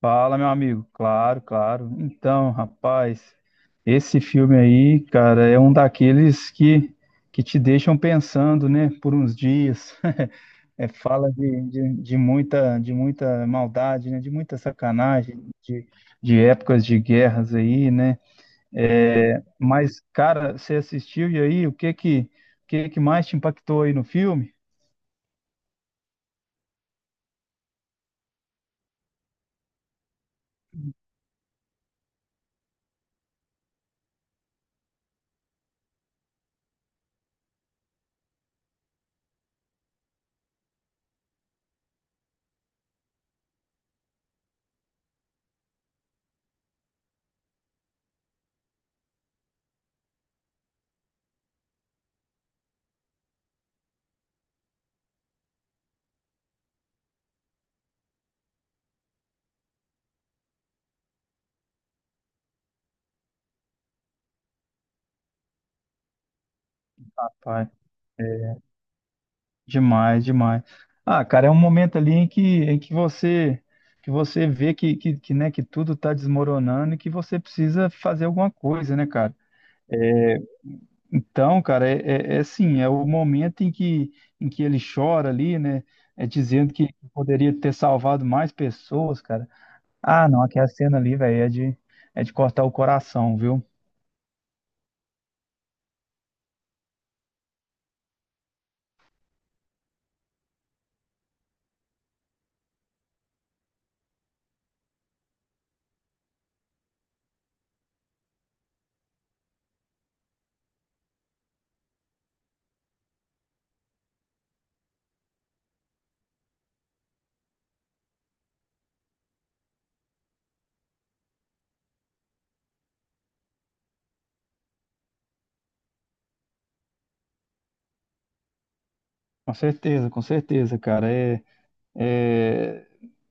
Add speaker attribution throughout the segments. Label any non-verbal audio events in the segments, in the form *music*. Speaker 1: Fala, meu amigo. Claro, claro. Então, rapaz, esse filme aí, cara, é um daqueles que te deixam pensando, né, por uns dias. *laughs* Fala de muita maldade, né, de muita sacanagem, de épocas de guerras aí, né? É, mas, cara, você assistiu e aí, o que que mais te impactou aí no filme? Rapaz. Demais, demais. Ah, cara, é um momento ali em que você vê né, que tudo está desmoronando e que você precisa fazer alguma coisa, né, cara? É, então, cara, é assim, é o momento em que ele chora ali, né? É dizendo que poderia ter salvado mais pessoas, cara. Ah, não, aquela cena ali, velho, é de cortar o coração, viu? Com certeza, cara. É,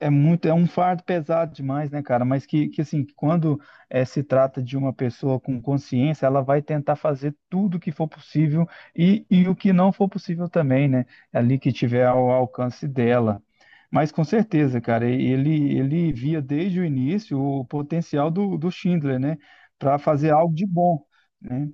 Speaker 1: é muito, é um fardo pesado demais, né, cara? Mas que assim, quando se trata de uma pessoa com consciência, ela vai tentar fazer tudo o que for possível e o que não for possível também, né? Ali que tiver ao alcance dela. Mas com certeza, cara, ele via desde o início o potencial do, do Schindler, né? Para fazer algo de bom, né?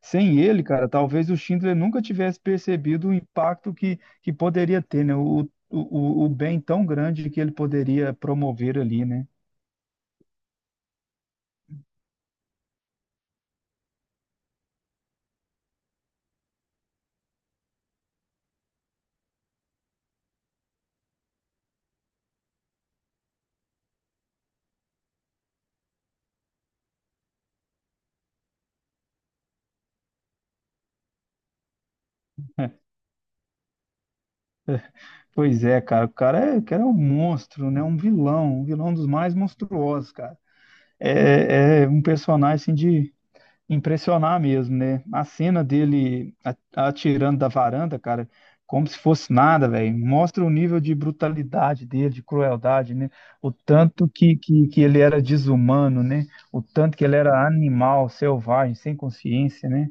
Speaker 1: Sem ele, cara, talvez o Schindler nunca tivesse percebido o impacto que poderia ter, né? O bem tão grande que ele poderia promover ali, né? Pois é, cara, o cara é um monstro, né? Um vilão dos mais monstruosos, cara. É um personagem assim, de, impressionar mesmo, né? A cena dele atirando da varanda, cara, como se fosse nada, velho. Mostra o nível de brutalidade dele, de crueldade, né? O tanto que ele era desumano, né? O tanto que ele era animal, selvagem, sem consciência, né?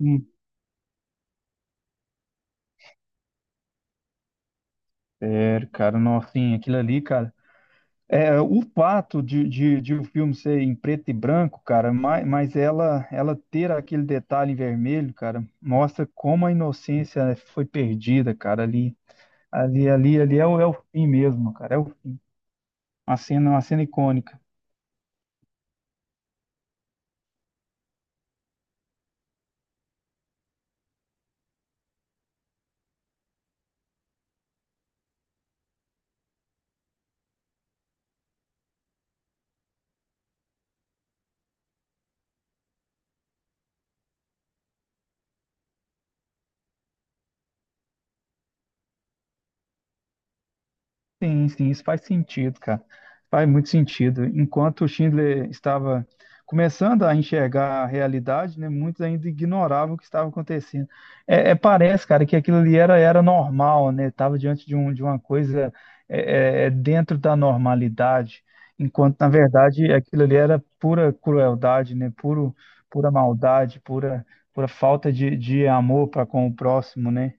Speaker 1: Hum, sério, cara, nossa, assim, aquilo ali, cara. É, o fato de o filme ser em preto e branco, cara, mas ela ter aquele detalhe em vermelho, cara, mostra como a inocência foi perdida, cara, ali, ali é o, é o fim mesmo, cara, é o, uma cena icônica. Sim, sim, isso faz sentido, cara. Faz muito sentido. Enquanto o Schindler estava começando a enxergar a realidade, né, muitos ainda ignoravam o que estava acontecendo. Parece, cara, que aquilo ali era, era normal, né? Estava diante de, um, de uma coisa é dentro da normalidade, enquanto, na verdade, aquilo ali era pura crueldade, né? Puro, pura maldade, pura, pura falta de amor para com o próximo, né?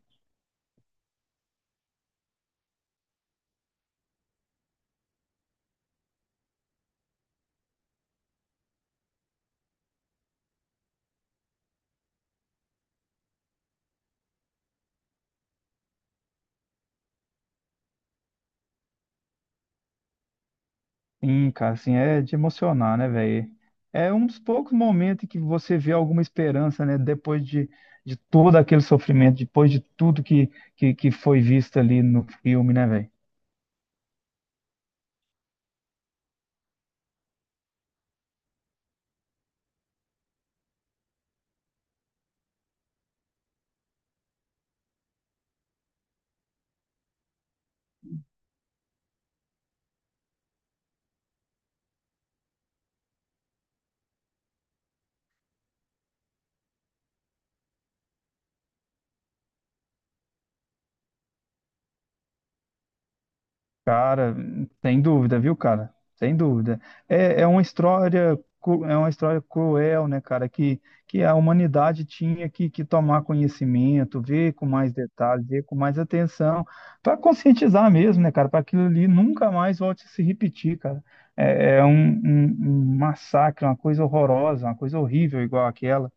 Speaker 1: Sim, cara, assim, é de emocionar, né, velho? É um dos poucos momentos em que você vê alguma esperança, né, depois de todo aquele sofrimento, depois de tudo que foi visto ali no filme, né, velho? Cara, sem dúvida, viu, cara? Sem dúvida. É, é uma história, é uma história cruel, né, cara? Que a humanidade tinha que tomar conhecimento, ver com mais detalhes, ver com mais atenção, para conscientizar mesmo, né, cara? Para aquilo ali nunca mais volte a se repetir, cara. É, é um, um massacre, uma coisa horrorosa, uma coisa horrível igual aquela.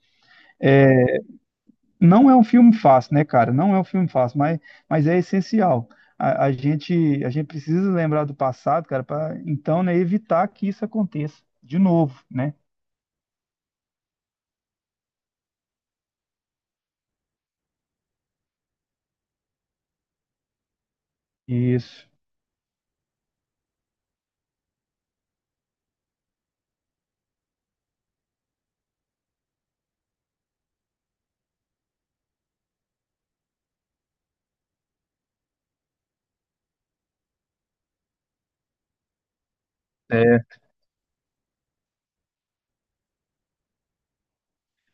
Speaker 1: Não é um filme fácil, né, cara? Não é um filme fácil, mas é essencial. A, a gente, a gente precisa lembrar do passado, cara, para então, né, evitar que isso aconteça de novo, né? Isso.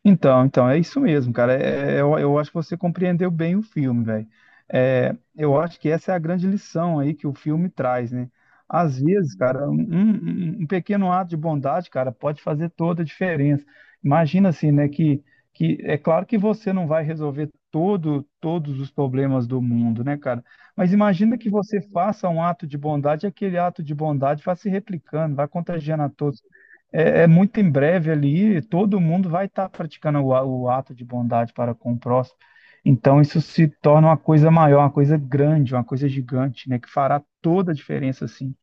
Speaker 1: Então, então, é isso mesmo, cara. Eu acho que você compreendeu bem o filme, velho. É, eu acho que essa é a grande lição aí que o filme traz, né? Às vezes, cara, um pequeno ato de bondade, cara, pode fazer toda a diferença. Imagina assim, né? Que é claro que você não vai resolver todo, todos os problemas do mundo, né, cara? Mas imagina que você faça um ato de bondade, e aquele ato de bondade vai se replicando, vai contagiando a todos. É muito em breve ali, todo mundo vai estar praticando o, o ato de bondade para com o próximo. Então, isso se torna uma coisa maior, uma coisa grande, uma coisa gigante, né? Que fará toda a diferença, assim.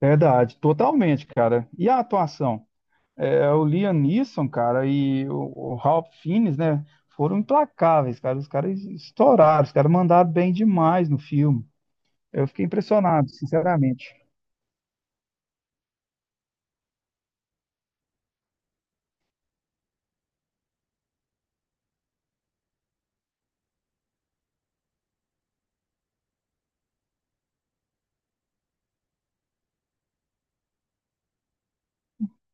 Speaker 1: Verdade, totalmente, cara. E a atuação? É, o Liam Neeson, cara, e o Ralph Fiennes, né? Foram implacáveis, cara. Os caras estouraram, os caras mandaram bem demais no filme. Eu fiquei impressionado, sinceramente.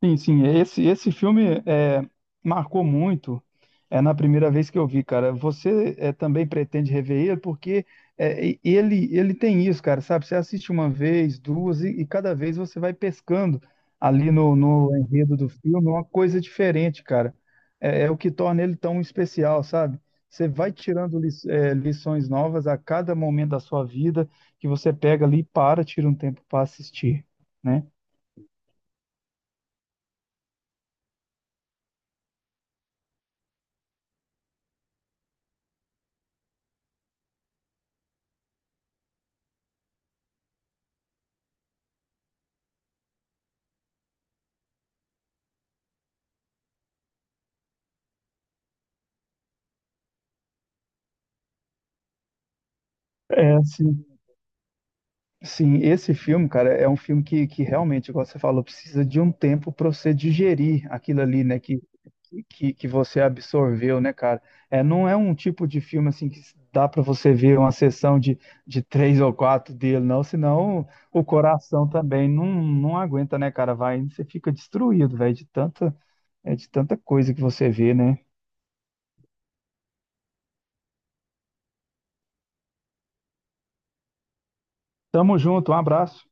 Speaker 1: Sim, sim, esse filme é, marcou muito é, na primeira vez que eu vi, cara. Você é, também pretende rever ele, porque é, ele, ele tem isso, cara, sabe? Você assiste uma vez, duas, e cada vez você vai pescando ali no, no enredo do filme uma coisa diferente, cara. É, é o que torna ele tão especial, sabe? Você vai tirando é, lições novas a cada momento da sua vida que você pega ali e para, tira um tempo para assistir, né? É, sim. Sim, esse filme, cara, é um filme que realmente, igual você falou, precisa de um tempo para você digerir aquilo ali, né, que você absorveu, né, cara? É, não é um tipo de filme, assim, que dá para você ver uma sessão de três ou quatro dele, não, senão o coração também não, não aguenta, né, cara? Vai, você fica destruído, velho, de tanta, é, de tanta coisa que você vê, né? Tamo junto, um abraço.